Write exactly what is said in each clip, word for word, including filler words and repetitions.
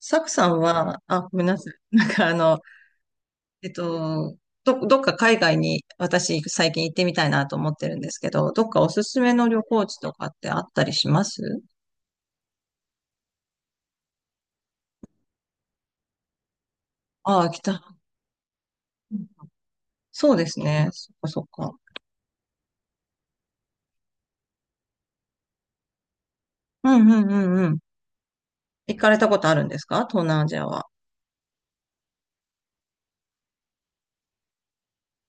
サクさんは、あ、ごめんなさい。なんかあの、えっと、ど、どっか海外に私最近行ってみたいなと思ってるんですけど、どっかおすすめの旅行地とかってあったりします？ああ、来た。そうですね。そっかそっか。うんうんうんうん。行かれたことあるんですか、東南アジアは。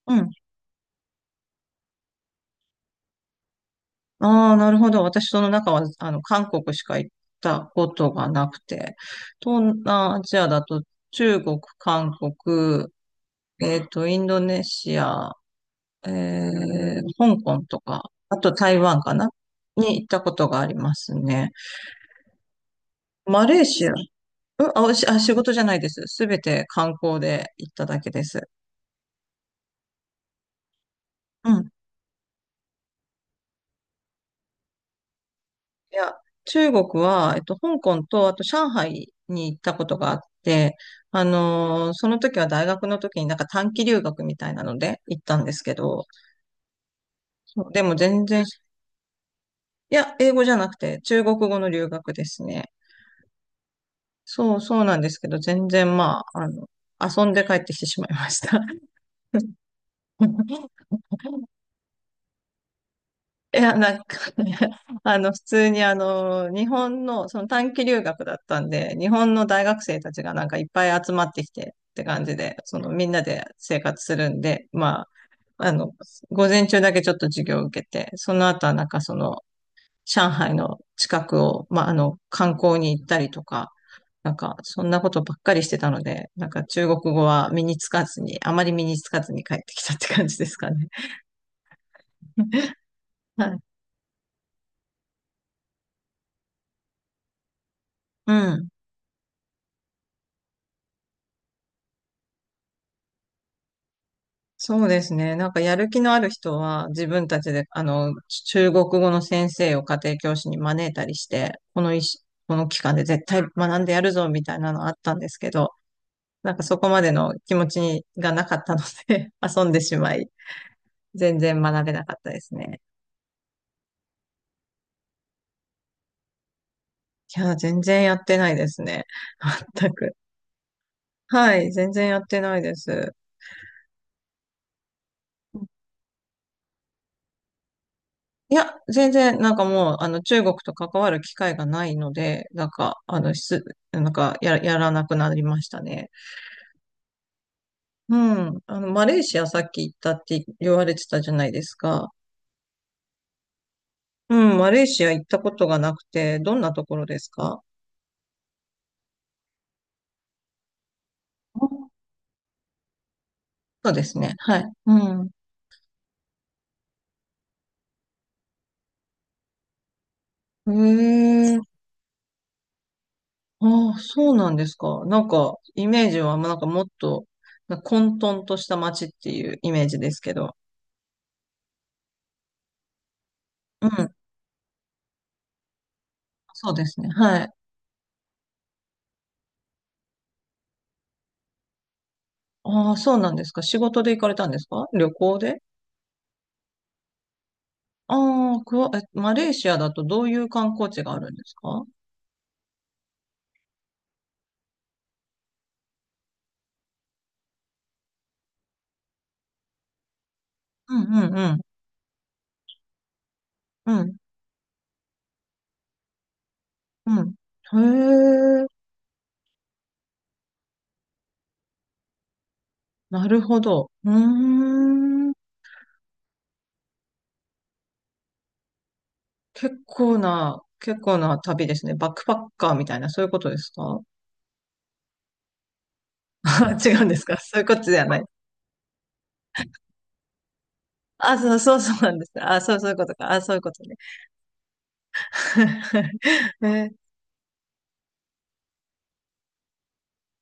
うん。ああ、なるほど。私その中は、あの、韓国しか行ったことがなくて。東南アジアだと中国、韓国、えっと、インドネシア、えー香港とか、あと台湾かなに行ったことがありますね。マレーシア、うんあ、おしあ、仕事じゃないです。すべて観光で行っただけです。うん。いや、中国は、えっと、香港と、あと上海に行ったことがあって、あのーその時は大学の時になんか短期留学みたいなので行ったんですけど、そうでも全然、いや、英語じゃなくて中国語の留学ですね。そう、そうなんですけど、全然まあ、あの、遊んで帰ってきてしまいました。いや、なんかね、あの、普通にあの、日本の、その短期留学だったんで、日本の大学生たちがなんかいっぱい集まってきてって感じで、そのみんなで生活するんで、まあ、あの、午前中だけちょっと授業を受けて、その後はなんかその、上海の近くを、まあ、あの、観光に行ったりとか、なんか、そんなことばっかりしてたので、なんか中国語は身につかずに、あまり身につかずに帰ってきたって感じですかね。はい。うん。そうですね。なんかやる気のある人は自分たちで、あの、中国語の先生を家庭教師に招いたりして、この一この期間で絶対学んでやるぞみたいなのあったんですけど、なんかそこまでの気持ちがなかったので 遊んでしまい、全然学べなかったですね。いや、全然やってないですね。全く。はい、全然やってないです。いや、全然、なんかもう、あの、中国と関わる機会がないので、なんか、あの、す、なんか、や、やらなくなりましたね。うん。あの、マレーシアさっき行ったって言われてたじゃないですか。うん、マレーシア行ったことがなくて、どんなところですか？そうですね。はい。うん。へえ。ああ、そうなんですか。なんか、イメージは、まあなんかもっと、なんか混沌とした街っていうイメージですけど。うん。そうですね。はい。ああ、そうなんですか。仕事で行かれたんですか、旅行で？ああ、クワ、え、マレーシアだとどういう観光地があるんですか？うんうんうん。うん。うん。へえ、なるほど。うーん。結構な、結構な旅ですね。バックパッカーみたいな、そういうことですか？ 違うんですか？そういうことじゃない。あ、そう、そうそうなんですね。あ、そう、そういうことか。あ、そういうことね。え、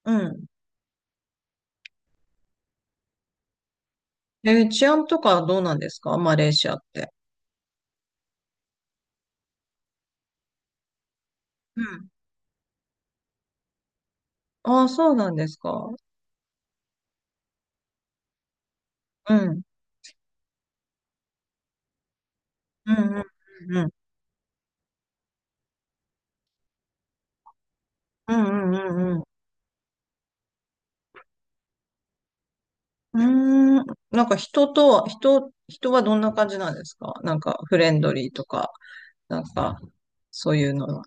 うん。え、治安とかどうなんですか、マレーシアって。うん。あ、そうなんですか。うん。うん、うん、うん、うん、うん、うん、うん。うんうーん、なんか人とは、人、人はどんな感じなんですか？なんかフレンドリーとか、なんかそういうのは、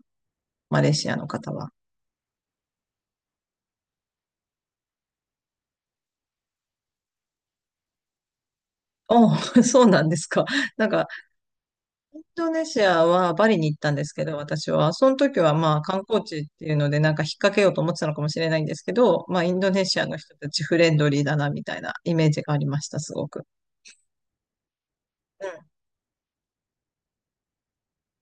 マレーシアの方は。あ、そうなんですか。なんかインドネシアはバリに行ったんですけど、私は。その時はまあ観光地っていうのでなんか引っ掛けようと思ってたのかもしれないんですけど、まあインドネシアの人たちフレンドリーだなみたいなイメージがありました、すごく。うん、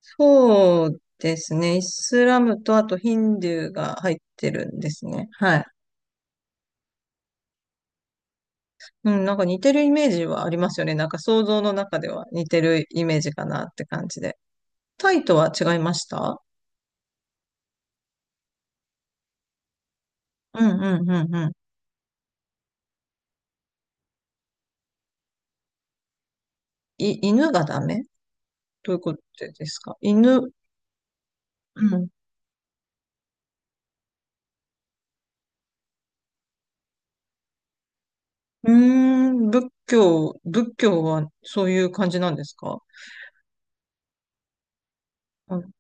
そうですね。イスラムとあとヒンドゥーが入ってるんですね。はい。うん、なんか似てるイメージはありますよね。なんか想像の中では似てるイメージかなって感じで。タイとは違いました？うんうんうんうん。い、犬がダメ？どういうことですか、犬、うんうーん、仏教、仏教はそういう感じなんですか？うん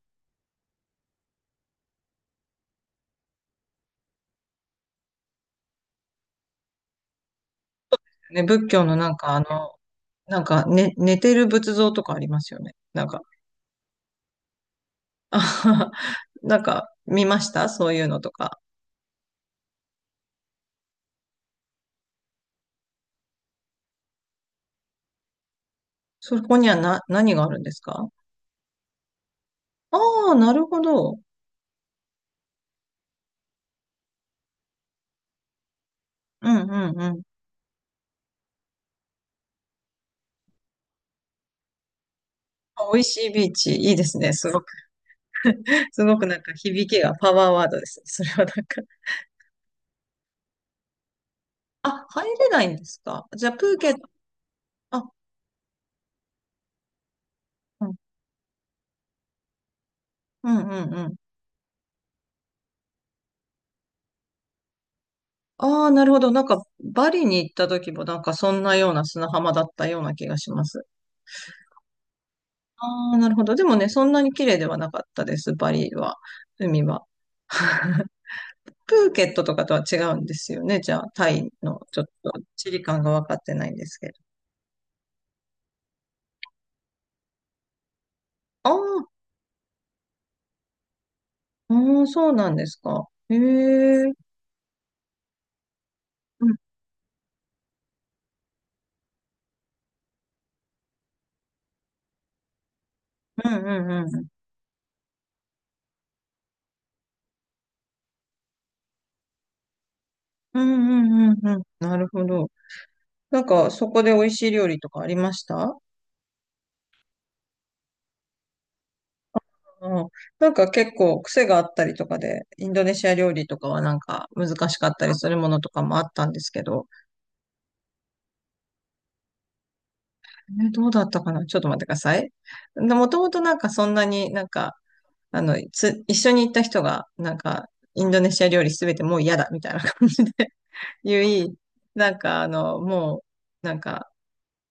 ね、仏教のなんかあの、なんか、ね、寝てる仏像とかありますよね。なんか、あははなんか見ましたそういうのとか。そこにはな、何があるんですか？ああー、なるほど。うんうんうん。あ美味しいビーチ、いいですね。すごく、すごくなんか響きがパワーワードですね。それはなんか。あ、入れないんですか？じゃあ、プーケット、あ、うん、うんうんうん。ああ、なるほど。なんか、バリに行った時もなんかそんなような砂浜だったような気がします。ああ、なるほど。でもね、そんなに綺麗ではなかったです、バリは。海は。プーケットとかとは違うんですよね。じゃあ、タイのちょっと地理感が分かってないんですけど。ああ、うん、そうなんですか。へえ。うんうんうんうん。うんうんうんうん。なるほど。なんか、そこで美味しい料理とかありました？うん、なんか結構癖があったりとかで、インドネシア料理とかはなんか難しかったりするものとかもあったんですけど、え、どうだったかな、ちょっと待ってください。でもともとなんかそんなになんか、あの、つ、一緒に行った人がなんかインドネシア料理すべてもう嫌だみたいな感じで 言い、なんかあの、もうなんか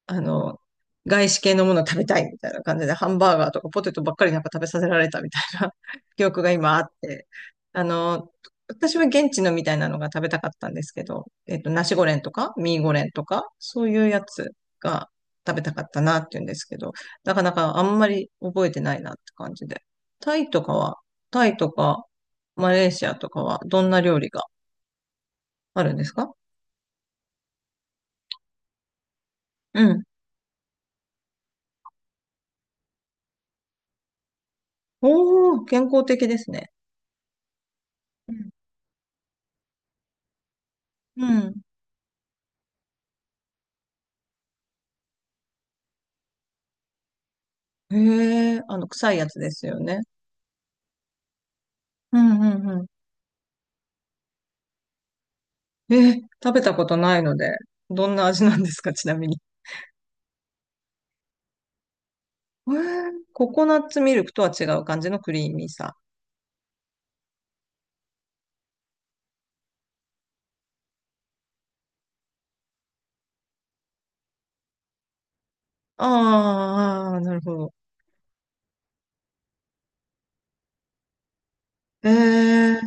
あの、外資系のものを食べたいみたいな感じで、ハンバーガーとかポテトばっかりなんか食べさせられたみたいな 記憶が今あって、あの、私は現地のみたいなのが食べたかったんですけど、えっと、ナシゴレンとか、ミーゴレンとか、そういうやつが食べたかったなっていうんですけど、なかなかあんまり覚えてないなって感じで。タイとかは、タイとか、マレーシアとかは、どんな料理があるんですか？うん。おー、健康的ですね。うん。うんへえ、あの、臭いやつですよね。うんうんうん。えー、食べたことないので、どんな味なんですか、ちなみに。えー、ココナッツミルクとは違う感じのクリーミーさ。あーあ、なるほど。ええ、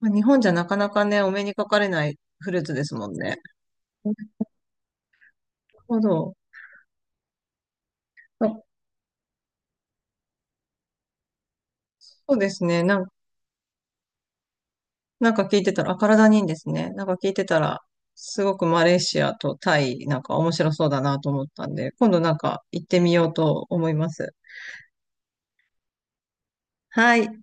まあ日本じゃなかなかね、お目にかかれないフルーツですもんね。なるほど。あ、そうですね。なん、なんか聞いてたら、あ、体にいいんですね。なんか聞いてたら、すごくマレーシアとタイ、なんか面白そうだなと思ったんで、今度なんか行ってみようと思います。はい。